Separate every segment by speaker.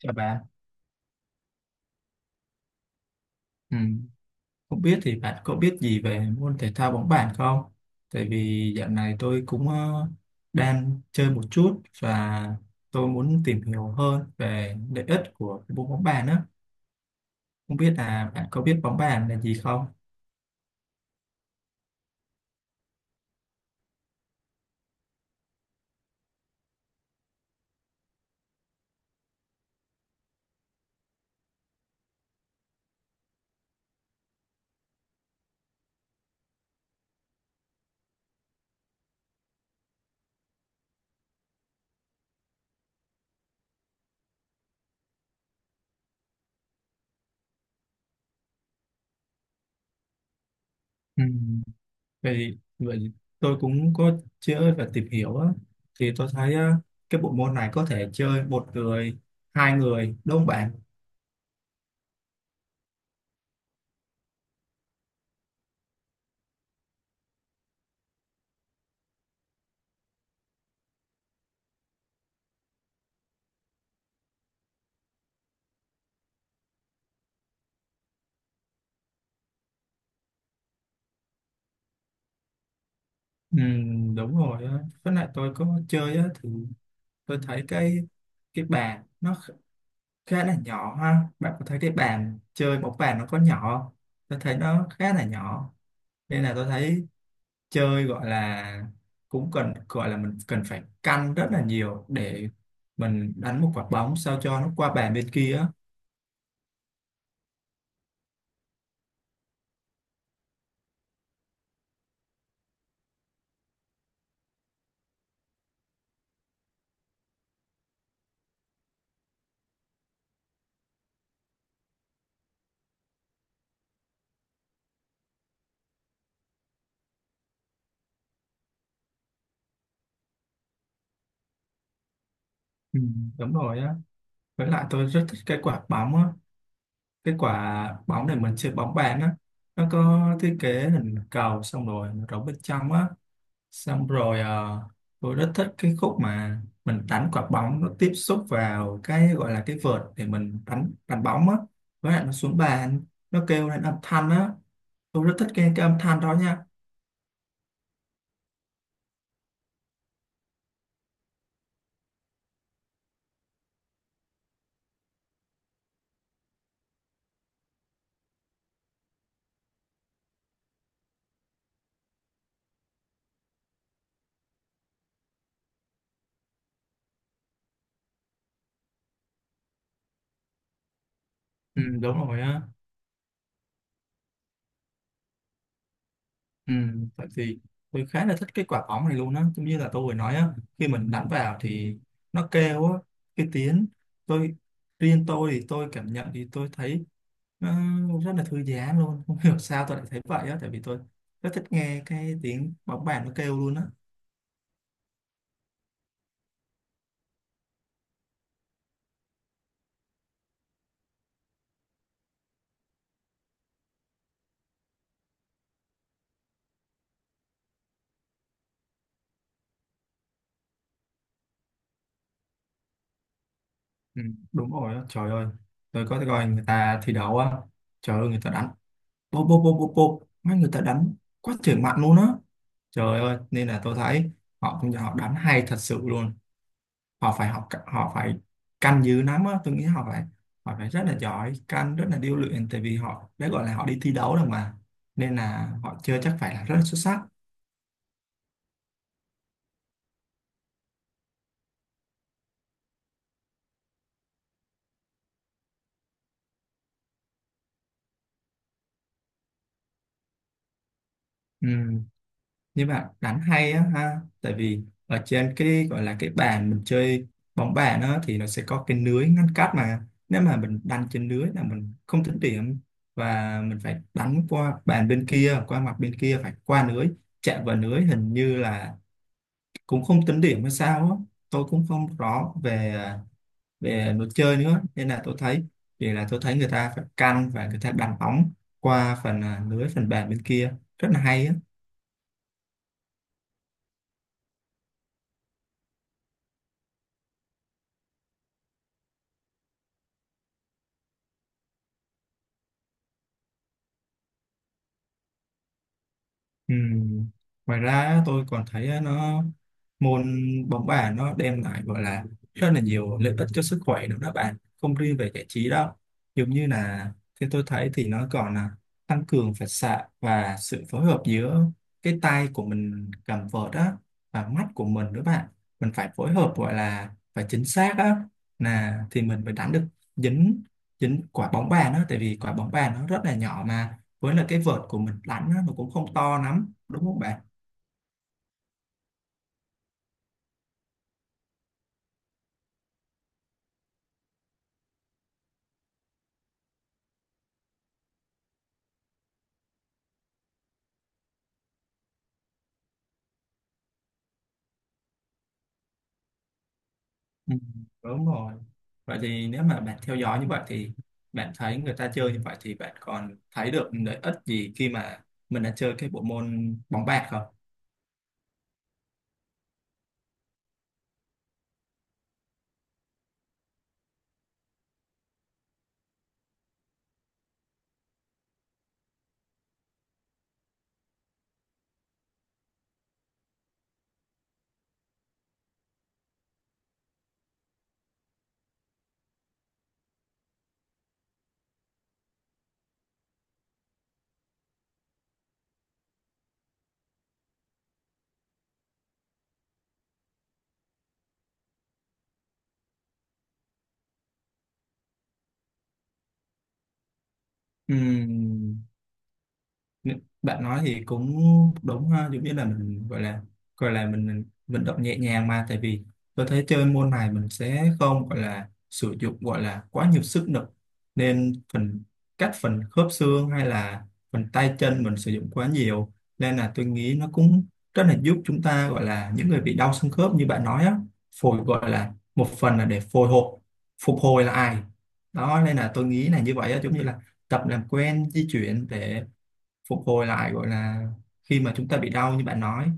Speaker 1: Chào bạn, ừ. Không biết thì bạn có biết gì về môn thể thao bóng bàn không? Tại vì dạo này tôi cũng đang chơi một chút và tôi muốn tìm hiểu hơn về lợi ích của cái môn bóng bàn á. Không biết là bạn có biết bóng bàn là gì không? Ừ. Vậy, tôi cũng có chơi và tìm hiểu á. Thì tôi thấy cái bộ môn này có thể chơi một người, hai người, đúng không bạn? Ừ, đúng rồi á. Với lại tôi có chơi á thì tôi thấy cái bàn nó khá là nhỏ ha, bạn có thấy cái bàn chơi bóng bàn nó có nhỏ không? Tôi thấy nó khá là nhỏ, nên là tôi thấy chơi gọi là cũng cần, gọi là mình cần phải căn rất là nhiều để mình đánh một quả bóng sao cho nó qua bàn bên kia á. Ừ, đúng rồi á. Với lại tôi rất thích cái quả bóng á, cái quả bóng để mình chơi bóng bàn á, nó có thiết kế hình cầu xong rồi nó rỗng bên trong á. Xong rồi tôi rất thích cái khúc mà mình đánh quả bóng nó tiếp xúc vào cái gọi là cái vợt để mình đánh đánh bóng á, với lại nó xuống bàn nó kêu lên âm thanh á, tôi rất thích nghe cái âm thanh đó nha. Ừ, đúng rồi á. Ừ, tại vì tôi khá là thích cái quả bóng này luôn á, giống như là tôi vừa nói á, khi mình đánh vào thì nó kêu á, cái tiếng, tôi riêng tôi thì tôi cảm nhận thì tôi thấy nó rất là thư giãn luôn, không hiểu sao tôi lại thấy vậy á, tại vì tôi rất thích nghe cái tiếng bóng bàn nó kêu luôn á. Ừ, đúng rồi á. Trời ơi, tôi có coi người ta thi đấu á, trời ơi người ta đánh bô bô bô bô bô, mấy người ta đánh quá trời mạnh luôn á, trời ơi. Nên là tôi thấy họ cũng, họ đánh hay thật sự luôn, họ phải học, họ phải canh dữ lắm á. Tôi nghĩ họ phải, họ phải rất là giỏi canh, rất là điêu luyện, tại vì họ đã gọi là họ đi thi đấu rồi mà, nên là họ chơi chắc phải là rất là xuất sắc. Ừ. Nhưng mà đánh hay á ha, tại vì ở trên cái gọi là cái bàn mình chơi bóng bàn á thì nó sẽ có cái lưới ngăn cách mà, nếu mà mình đánh trên lưới là mình không tính điểm, và mình phải đánh qua bàn bên kia, qua mặt bên kia, phải qua lưới. Chạm vào lưới hình như là cũng không tính điểm hay sao á, tôi cũng không rõ về về luật chơi nữa, nên là tôi thấy, vì là tôi thấy người ta phải căn và người ta đánh bóng qua phần à, lưới phần bàn bên kia rất là hay á. Ừ. Ngoài ra á, tôi còn thấy á, nó môn bóng bàn nó đem lại gọi là rất là nhiều lợi ích cho sức khỏe nữa đó bạn, không riêng về giải trí đâu. Giống như là theo tôi thấy thì nó còn là tăng cường phản xạ và sự phối hợp giữa cái tay của mình cầm vợt á, và mắt của mình nữa bạn. Mình phải phối hợp gọi là phải chính xác á, là thì mình mới đánh được dính, quả bóng bàn á, tại vì quả bóng bàn nó rất là nhỏ mà, với là cái vợt của mình đánh á, nó cũng không to lắm đúng không bạn? Ừ, đúng rồi. Vậy thì nếu mà bạn theo dõi như vậy thì bạn thấy người ta chơi như vậy thì bạn còn thấy được lợi ích gì khi mà mình đã chơi cái bộ môn bóng bàn không? Ừm, bạn nói thì cũng đúng ha, giống như là mình gọi là, gọi là mình vận động nhẹ nhàng mà. Tại vì tôi thấy chơi môn này mình sẽ không gọi là sử dụng gọi là quá nhiều sức lực, nên phần các phần khớp xương hay là phần tay chân mình sử dụng quá nhiều, nên là tôi nghĩ nó cũng rất là giúp chúng ta, gọi là những người bị đau xương khớp như bạn nói á, phổi gọi là một phần là để phhồi hộp, phục hồi lại đó. Nên là tôi nghĩ là như vậy á, giống như là tập làm quen di chuyển để phục hồi lại gọi là khi mà chúng ta bị đau như bạn nói.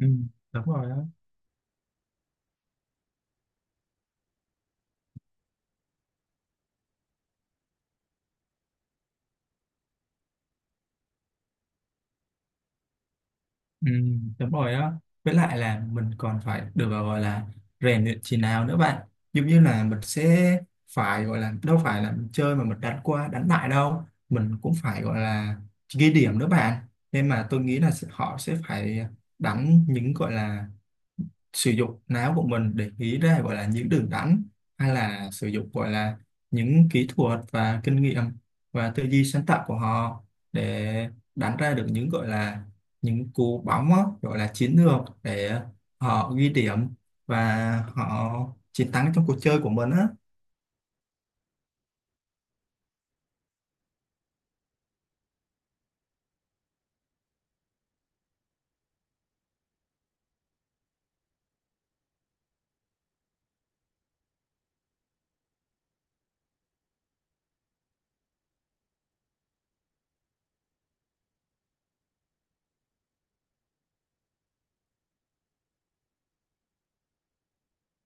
Speaker 1: Ừ, đúng rồi đó. Ừ, đúng rồi đó. Với lại là mình còn phải được gọi là rèn luyện chỉ nào nữa bạn, giống như là mình sẽ phải gọi là, đâu phải là mình chơi mà mình đánh qua đánh lại đâu, mình cũng phải gọi là ghi điểm nữa bạn. Nên mà tôi nghĩ là sẽ- họ sẽ phải đánh những gọi là sử dụng não của mình để nghĩ ra gọi là những đường đắn, hay là sử dụng gọi là những kỹ thuật và kinh nghiệm và tư duy sáng tạo của họ để đánh ra được những gọi là những cú bóng á, gọi là chiến lược để họ ghi điểm và họ chiến thắng trong cuộc chơi của mình á.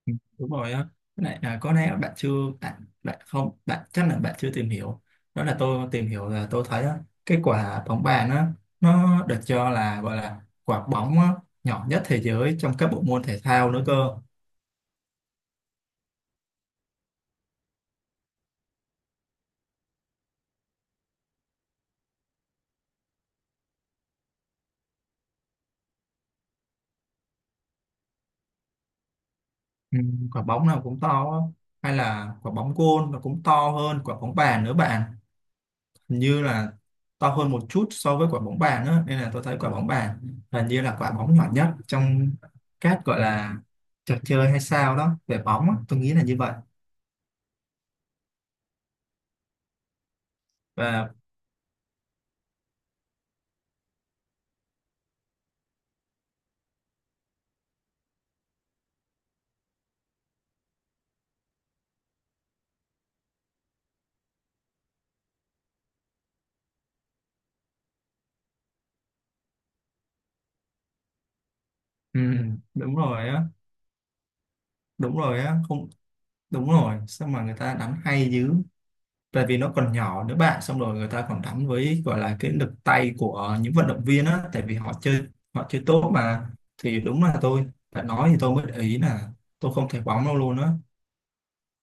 Speaker 1: Ừ, đúng rồi á. Với lại à, có lẽ bạn chưa, bạn bạn không, bạn chắc là bạn chưa tìm hiểu. Đó là tôi tìm hiểu là tôi thấy á, cái quả bóng bàn á nó được cho là gọi là quả bóng á, nhỏ nhất thế giới trong các bộ môn thể thao nữa cơ. Ừ, quả bóng nào cũng to á. Hay là quả bóng gôn nó cũng to hơn quả bóng bàn nữa bạn, hình như là to hơn một chút so với quả bóng bàn á. Nên là tôi thấy quả bóng bàn hình như là quả bóng nhỏ nhất trong các gọi là trò chơi hay sao đó về bóng á. Tôi nghĩ là như vậy. Và ừ, đúng rồi á, đúng rồi á, không, đúng rồi, sao mà người ta đánh hay dữ, tại vì nó còn nhỏ nữa bạn, xong rồi người ta còn đánh với gọi là cái lực tay của những vận động viên á, tại vì họ chơi, họ chơi tốt mà. Thì đúng là tôi đã nói thì tôi mới để ý là tôi không thấy bóng đâu luôn á,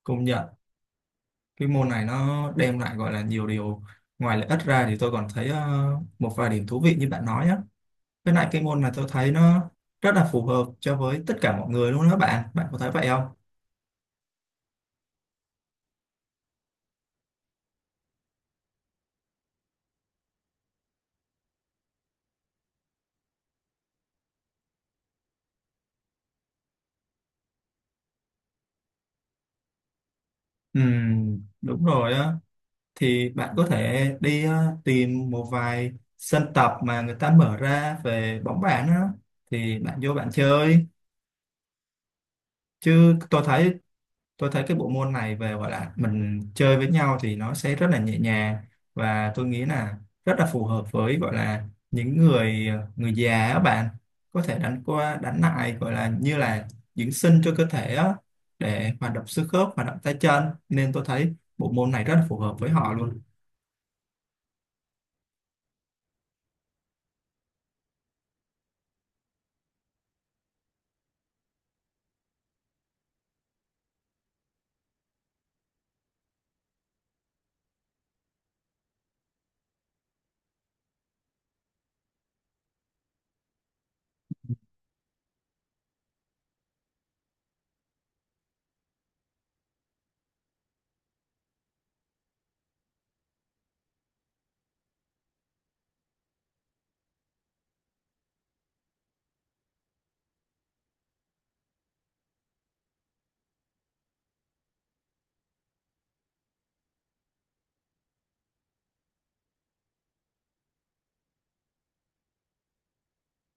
Speaker 1: công nhận cái môn này nó đem lại gọi là nhiều điều. Ngoài lợi ích ra thì tôi còn thấy một vài điểm thú vị như bạn nói nhé. Với lại cái môn này tôi thấy nó rất là phù hợp cho với tất cả mọi người luôn đó bạn, bạn có thấy vậy không? Đúng rồi á. Thì bạn có thể đi tìm một vài sân tập mà người ta mở ra về bóng bàn á, thì bạn vô bạn chơi. Chứ tôi thấy, tôi thấy cái bộ môn này về gọi là mình chơi với nhau thì nó sẽ rất là nhẹ nhàng, và tôi nghĩ là rất là phù hợp với gọi là những người, người già á bạn, có thể đánh qua đánh lại gọi là như là dưỡng sinh cho cơ thể á, để hoạt động xương khớp, hoạt động tay chân. Nên tôi thấy bộ môn này rất là phù hợp với họ luôn.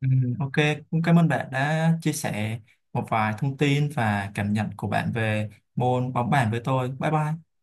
Speaker 1: Ừ, ok, cũng cảm ơn bạn đã chia sẻ một vài thông tin và cảm nhận của bạn về môn bóng bàn với tôi. Bye bye.